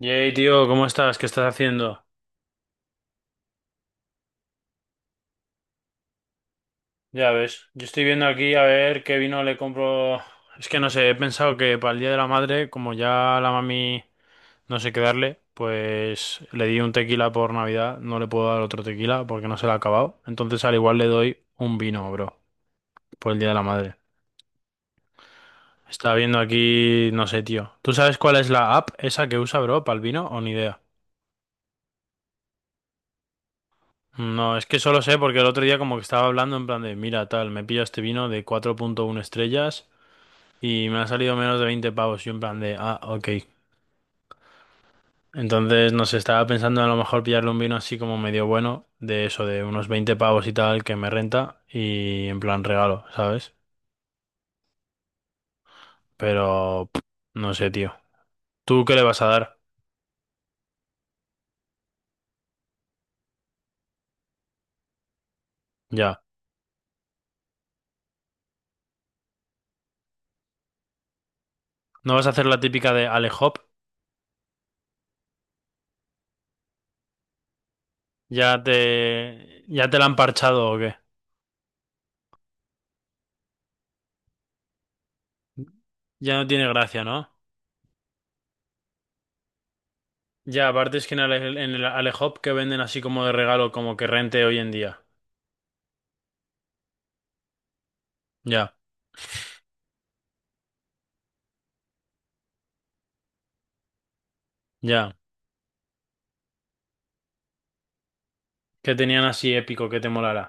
Yay, tío, ¿cómo estás? ¿Qué estás haciendo? Ya ves, yo estoy viendo aquí a ver qué vino le compro. Es que no sé, he pensado que para el Día de la Madre, como ya la mami no sé qué darle, pues le di un tequila por Navidad, no le puedo dar otro tequila porque no se lo ha acabado. Entonces al igual le doy un vino, bro, por el Día de la Madre. Estaba viendo aquí, no sé, tío. ¿Tú sabes cuál es la app esa que usa, bro, para el vino o ni idea? No, es que solo sé porque el otro día como que estaba hablando en plan de, mira, tal, me pillo este vino de 4.1 estrellas y me ha salido menos de 20 pavos. Y en plan de, ah, ok. Entonces, no sé, estaba pensando en a lo mejor pillarle un vino así como medio bueno, de eso, de unos 20 pavos y tal, que me renta y en plan regalo, ¿sabes? Pero, pff, no sé, tío. ¿Tú qué le vas a dar? Ya. ¿No vas a hacer la típica de Ale Hop? Ya te la han parchado o qué? Ya no tiene gracia, ¿no? Ya, aparte es que en el Alehop que venden así como de regalo, como que rente hoy en día. Ya, ya. Que tenían así épico, que te molara.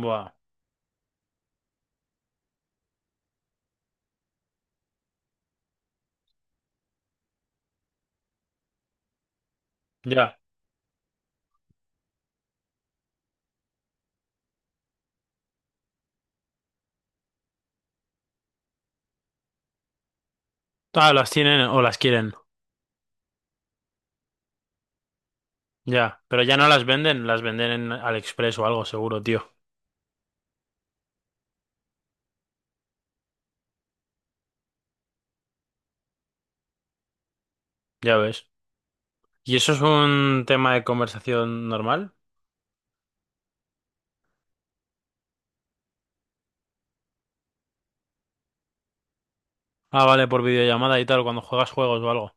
Buah, ya. Ah, las tienen o las quieren. Ya, pero ya no las venden, las venden en AliExpress o algo seguro, tío. Ya ves. ¿Y eso es un tema de conversación normal? Ah, vale, por videollamada y tal, cuando juegas juegos o algo.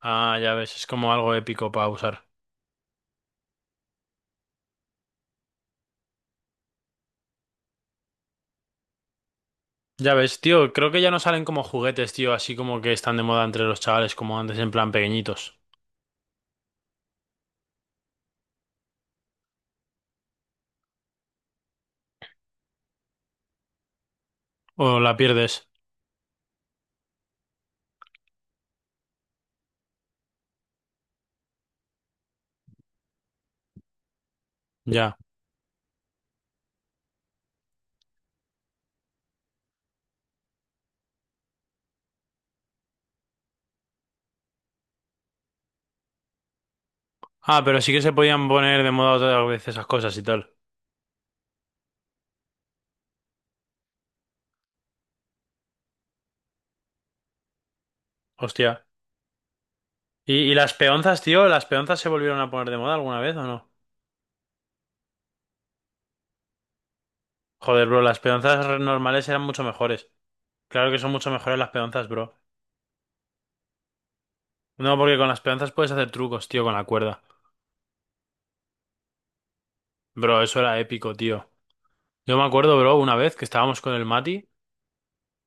Ah, ya ves, es como algo épico para usar. Ya ves, tío, creo que ya no salen como juguetes, tío, así como que están de moda entre los chavales, como antes en plan pequeñitos. O la pierdes. Ya. Ah, pero sí que se podían poner de moda otra vez esas cosas y tal. Hostia. ¿Y las peonzas, tío? ¿Las peonzas se volvieron a poner de moda alguna vez o no? Joder, bro, las normales eran mucho mejores. Claro que son mucho mejores las peonzas, bro. No, porque con las peonzas puedes hacer trucos, tío, con la cuerda. Bro, eso era épico, tío. Yo me acuerdo, bro, una vez que estábamos con el Mati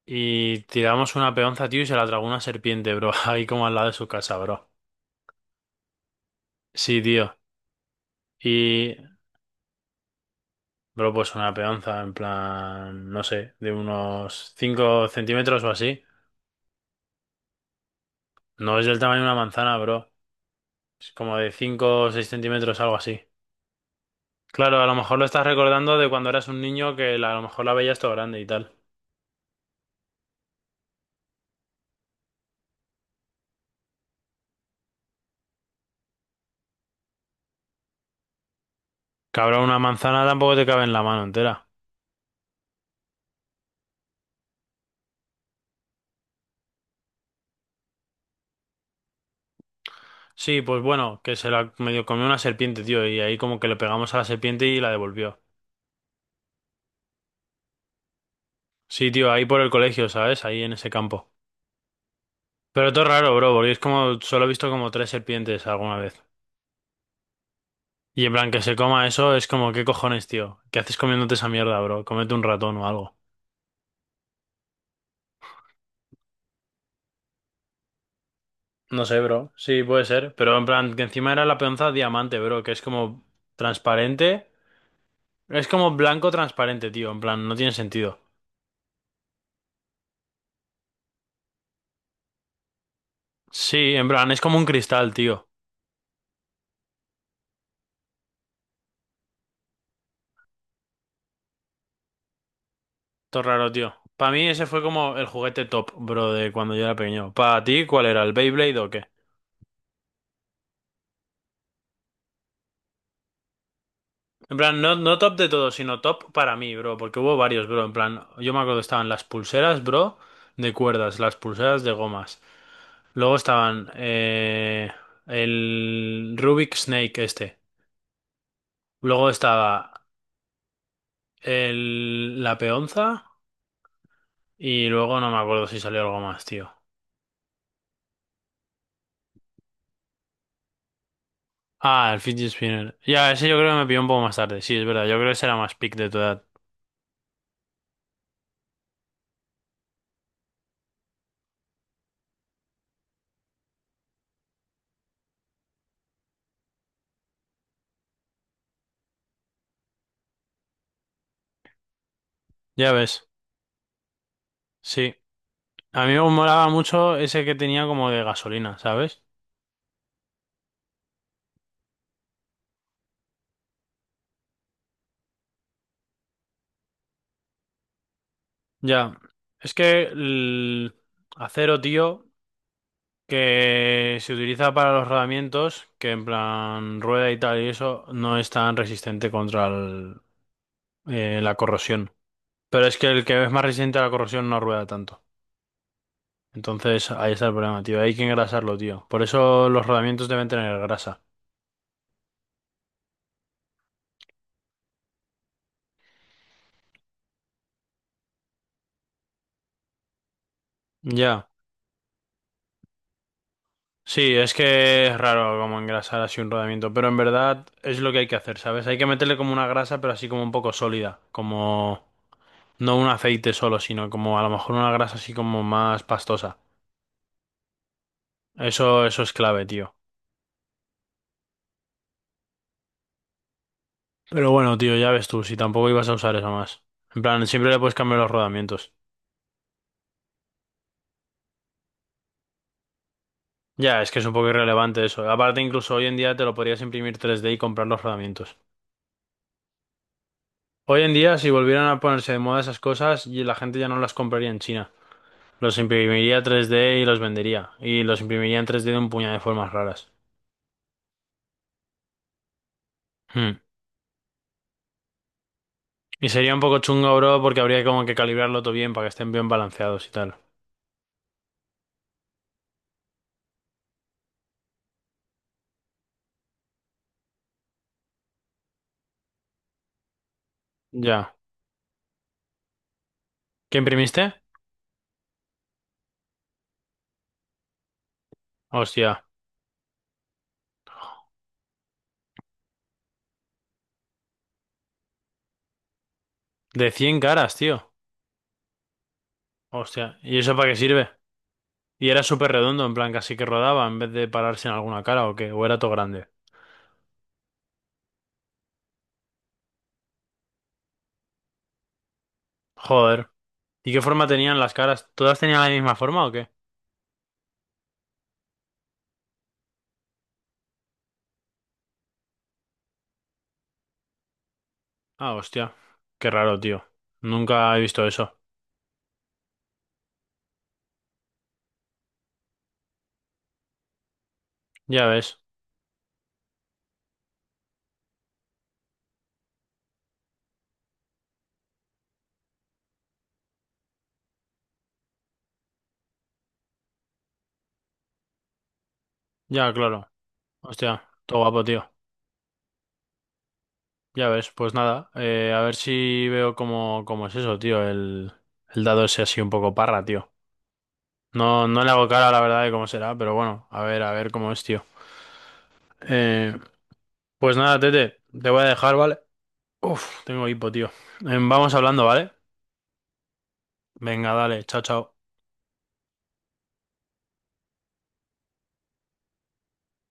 y tiramos una peonza, tío, y se la tragó una serpiente, bro, ahí como al lado de su casa, bro. Sí, tío. Y bro, pues una peonza, en plan, no sé, de unos 5 centímetros o así. No es del tamaño de una manzana, bro. Es como de 5 o 6 centímetros, algo así. Claro, a lo mejor lo estás recordando de cuando eras un niño que a lo mejor la veías todo grande y tal. Cabrón, una manzana tampoco te cabe en la mano entera. Sí, pues bueno, que se la medio comió una serpiente, tío, y ahí como que le pegamos a la serpiente y la devolvió. Sí, tío, ahí por el colegio, ¿sabes? Ahí en ese campo. Pero todo raro, bro, porque es como, solo he visto como tres serpientes alguna vez. Y en plan, que se coma eso es como, ¿qué cojones, tío? ¿Qué haces comiéndote esa mierda, bro? Cómete un ratón o algo. No sé, bro. Sí, puede ser. Pero en plan, que encima era la peonza diamante, bro, que es como transparente. Es como blanco transparente, tío. En plan, no tiene sentido. Sí, en plan, es como un cristal, tío. Todo raro, tío. Para mí ese fue como el juguete top, bro, de cuando yo era pequeño. ¿Para ti cuál era? ¿El Beyblade o qué? En plan, no top de todo, sino top para mí, bro, porque hubo varios, bro. En plan, yo me acuerdo, que estaban las pulseras, bro, de cuerdas, las pulseras de gomas. Luego estaban el Rubik Snake este. Luego estaba la peonza y luego no me acuerdo si salió algo más, tío. Ah, el fidget spinner. Ya, ese yo creo que me pilló un poco más tarde. Sí, es verdad, yo creo que ese era más pick de tu edad. Ya ves, sí. A mí me molaba mucho ese que tenía como de gasolina, ¿sabes? Ya, es que el acero, tío, que se utiliza para los rodamientos, que en plan rueda y tal y eso, no es tan resistente contra la corrosión. Pero es que el que es más resistente a la corrosión no rueda tanto. Entonces ahí está el problema, tío. Hay que engrasarlo, tío. Por eso los rodamientos deben tener grasa. Ya, sí, es que es raro como engrasar así un rodamiento, pero en verdad es lo que hay que hacer, ¿sabes? Hay que meterle como una grasa, pero así como un poco sólida, como... No un aceite solo, sino como a lo mejor una grasa así como más pastosa. Eso es clave, tío. Pero bueno, tío, ya ves tú, si tampoco ibas a usar eso más. En plan, siempre le puedes cambiar los rodamientos. Ya, es que es un poco irrelevante eso. Aparte, incluso hoy en día te lo podrías imprimir tres d y comprar los rodamientos. Hoy en día, si volvieran a ponerse de moda esas cosas, y la gente ya no las compraría en China. Los imprimiría tres d y los vendería. Y los imprimiría en tres d de un puñado de formas raras. Hmm. Y sería un poco chungo, bro, porque habría como que calibrarlo todo bien para que estén bien balanceados y tal. Ya. ¿Qué imprimiste? Hostia. De cien caras, tío. Hostia. ¿Y eso para qué sirve? Y era súper redondo, en plan, casi que rodaba en vez de pararse en alguna cara o qué. O era todo grande. Joder. ¿Y qué forma tenían las caras? ¿Todas tenían la misma forma o qué? Ah, hostia. Qué raro, tío. Nunca he visto eso. Ya ves. Ya, claro. Hostia. Todo guapo, tío. Ya ves. Pues nada. A ver si veo cómo, cómo es eso, tío. El dado ese así un poco parra, tío. No, no le hago cara, la verdad, de cómo será, pero bueno, a ver cómo es, tío. Eh, pues nada, Tete, te voy a dejar, ¿vale? Uf, tengo hipo, tío. Vamos hablando, ¿vale? Venga, dale, chao, chao.